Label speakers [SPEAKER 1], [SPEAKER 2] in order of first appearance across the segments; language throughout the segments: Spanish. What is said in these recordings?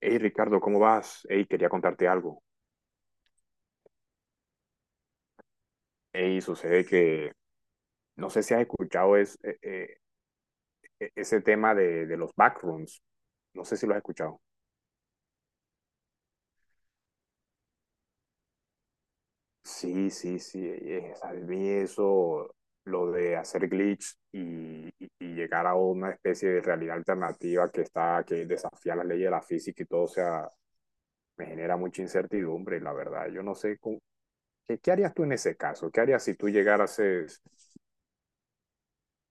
[SPEAKER 1] Hey Ricardo, ¿cómo vas? Hey, quería contarte algo. Hey, sucede que no sé si has escuchado ese tema de los backrooms. No sé si lo has escuchado. Sí, sí, sí. Vi eso, lo de hacer glitch y llegar a una especie de realidad alternativa que está, que desafía las leyes de la física y todo, o sea, me genera mucha incertidumbre, la verdad. Yo no sé ¿qué harías tú en ese caso? ¿Qué harías si tú llegaras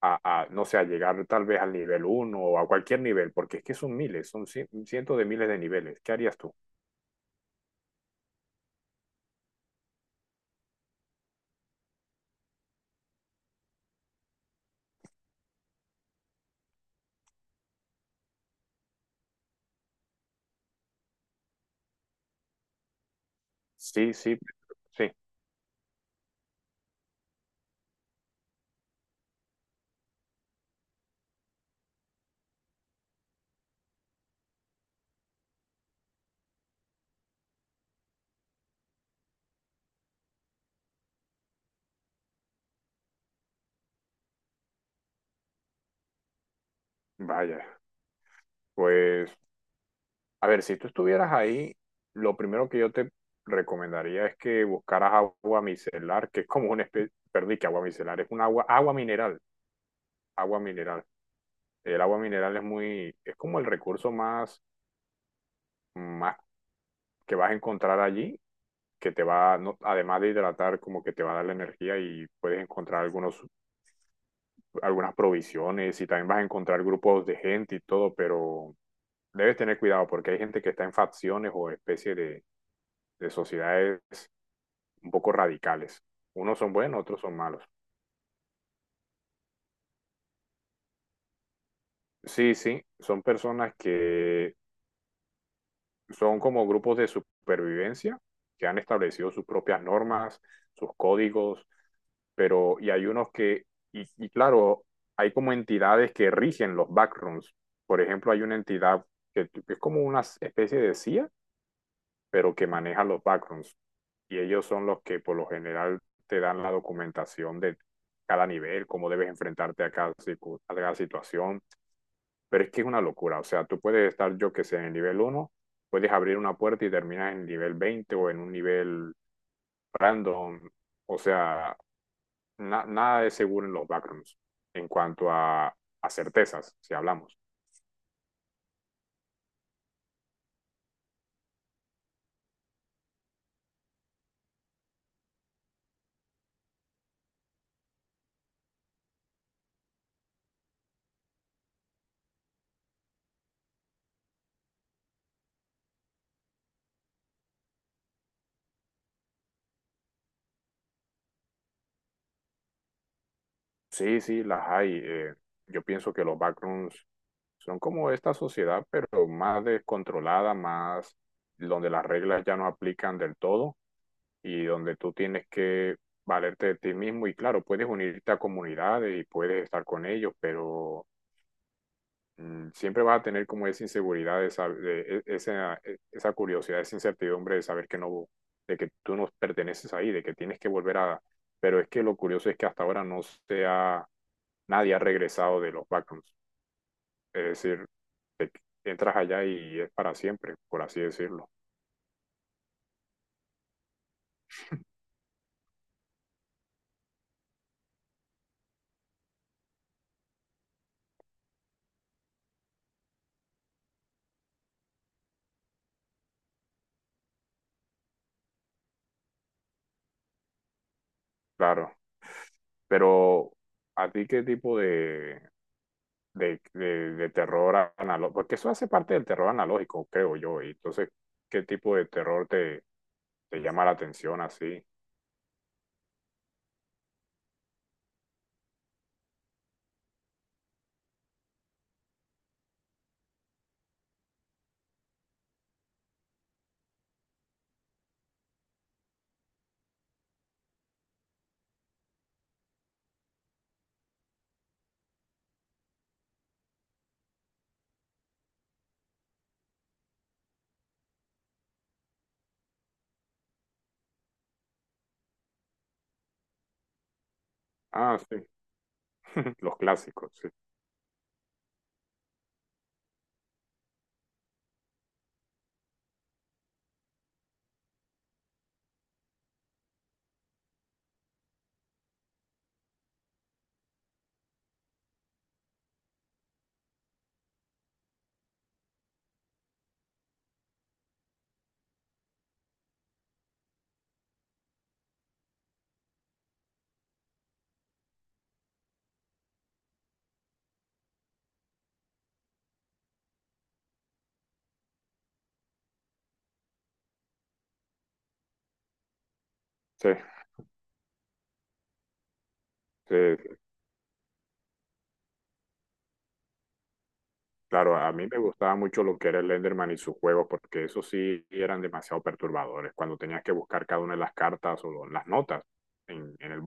[SPEAKER 1] a, no sé, a llegar tal vez al nivel 1 o a cualquier nivel, porque es que son miles, son cientos de miles de niveles. ¿Qué harías tú? Sí, sí, sí, vaya. Pues, a ver, si tú estuvieras ahí, lo primero que yo te recomendaría es que buscaras agua micelar, que es como una especie, perdí que agua micelar, es un agua, agua mineral, agua mineral. El agua mineral es muy, es como el recurso más, más que vas a encontrar allí que te va, además de hidratar, como que te va a dar la energía y puedes encontrar algunos algunas provisiones y también vas a encontrar grupos de gente y todo, pero debes tener cuidado porque hay gente que está en facciones o especies de sociedades un poco radicales. Unos son buenos, otros son malos. Sí, sí, son personas que son como grupos de supervivencia que han establecido sus propias normas, sus códigos, pero y hay unos que, y claro, hay como entidades que rigen los backrooms. Por ejemplo, hay una entidad que es como una especie de CIA pero que maneja los backgrounds. Y ellos son los que por lo general te dan la documentación de cada nivel, cómo debes enfrentarte a a cada situación. Pero es que es una locura. O sea, tú puedes estar, yo que sé, en el nivel 1, puedes abrir una puerta y terminas en el nivel 20 o en un nivel random. O sea, na nada es seguro en los backgrounds en cuanto a certezas, si hablamos. Sí, sí, las hay. Yo pienso que los backrooms son como esta sociedad, pero más descontrolada, más donde las reglas ya no aplican del todo y donde tú tienes que valerte de ti mismo. Y claro, puedes unirte a comunidades y puedes estar con ellos, pero siempre vas a tener como esa inseguridad, de esa, esa curiosidad, esa incertidumbre de saber que no, de que tú no perteneces ahí, de que tienes que volver a... Pero es que lo curioso es que hasta ahora no sea nadie ha regresado de los backrooms. Es decir, te- entras allá y es para siempre, por así decirlo. Claro. Pero, ¿a ti qué tipo de terror analógico? Porque eso hace parte del terror analógico, creo yo. Y entonces, ¿qué tipo de terror te llama la atención así? Ah, sí. Los clásicos, sí. Sí, sí, claro, a mí me gustaba mucho lo que era el Enderman y sus juegos, porque esos sí eran demasiado perturbadores, cuando tenías que buscar cada una de las cartas o las notas en el...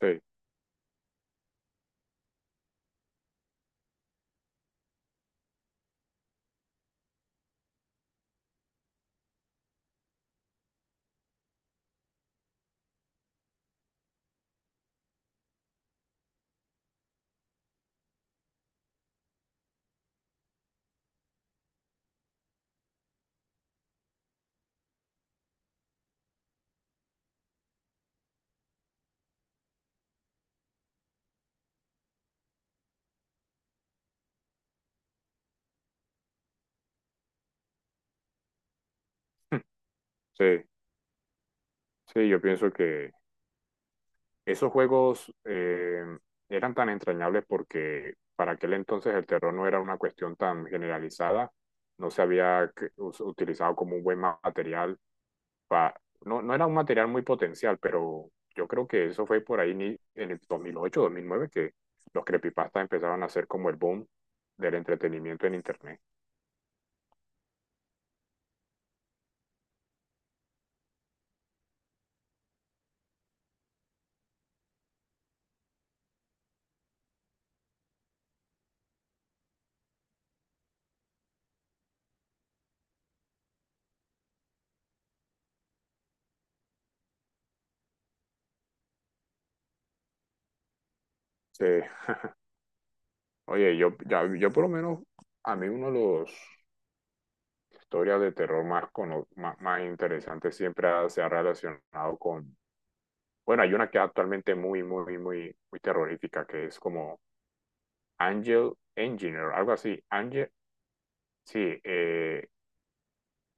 [SPEAKER 1] Sí, sí, sí, yo pienso que esos juegos eran tan entrañables porque para aquel entonces el terror no era una cuestión tan generalizada, no se había utilizado como un buen material pa- no, no era un material muy potencial, pero yo creo que eso fue por ahí en el 2008 2009 que los creepypastas empezaron a ser como el boom del entretenimiento en Internet. Sí. Oye, yo por lo menos, a mí uno de los historias de terror más, más, más interesantes siempre se ha relacionado con, bueno, hay una que es actualmente muy, muy, muy, muy terrorífica, que es como Angel Engineer, algo así. Angel, sí,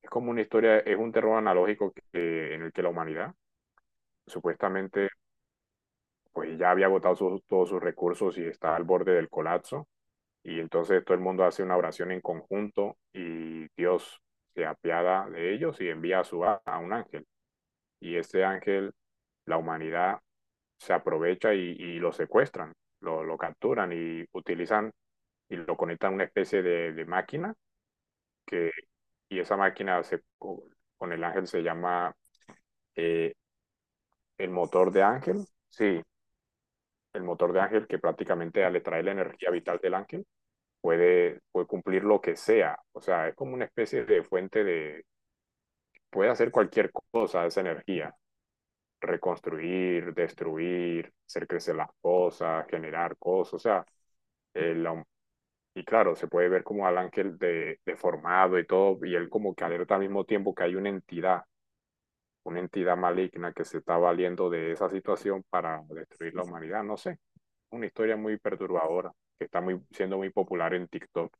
[SPEAKER 1] es como una historia, es un terror analógico que, en el que la humanidad supuestamente pues ya había agotado sus, todos sus recursos y está al borde del colapso. Y entonces todo el mundo hace una oración en conjunto y Dios se apiada de ellos y envía a, su, a un ángel. Y este ángel, la humanidad se aprovecha y lo secuestran, capturan y utilizan y lo conectan a una especie de máquina que, y esa máquina se, con el ángel se llama eh, el motor de Ángel, sí, el motor de Ángel que prácticamente le trae la energía vital del Ángel, puede cumplir lo que sea. O sea, es como una especie de fuente de, puede hacer cualquier cosa esa energía, reconstruir, destruir, hacer crecer las cosas, generar cosas, o sea, el, y claro, se puede ver como al ángel de, deformado y todo, y él como que alerta al mismo tiempo que hay una entidad maligna que se está valiendo de esa situación para destruir la humanidad, no sé. Una historia muy perturbadora que está muy, siendo muy popular en TikTok.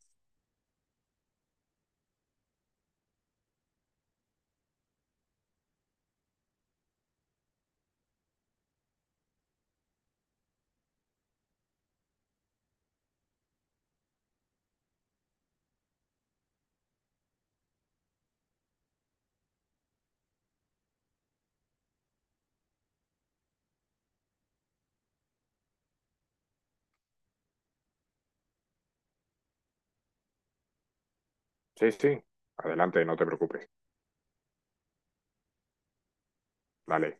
[SPEAKER 1] Sí, sí, adelante, no te preocupes. Dale.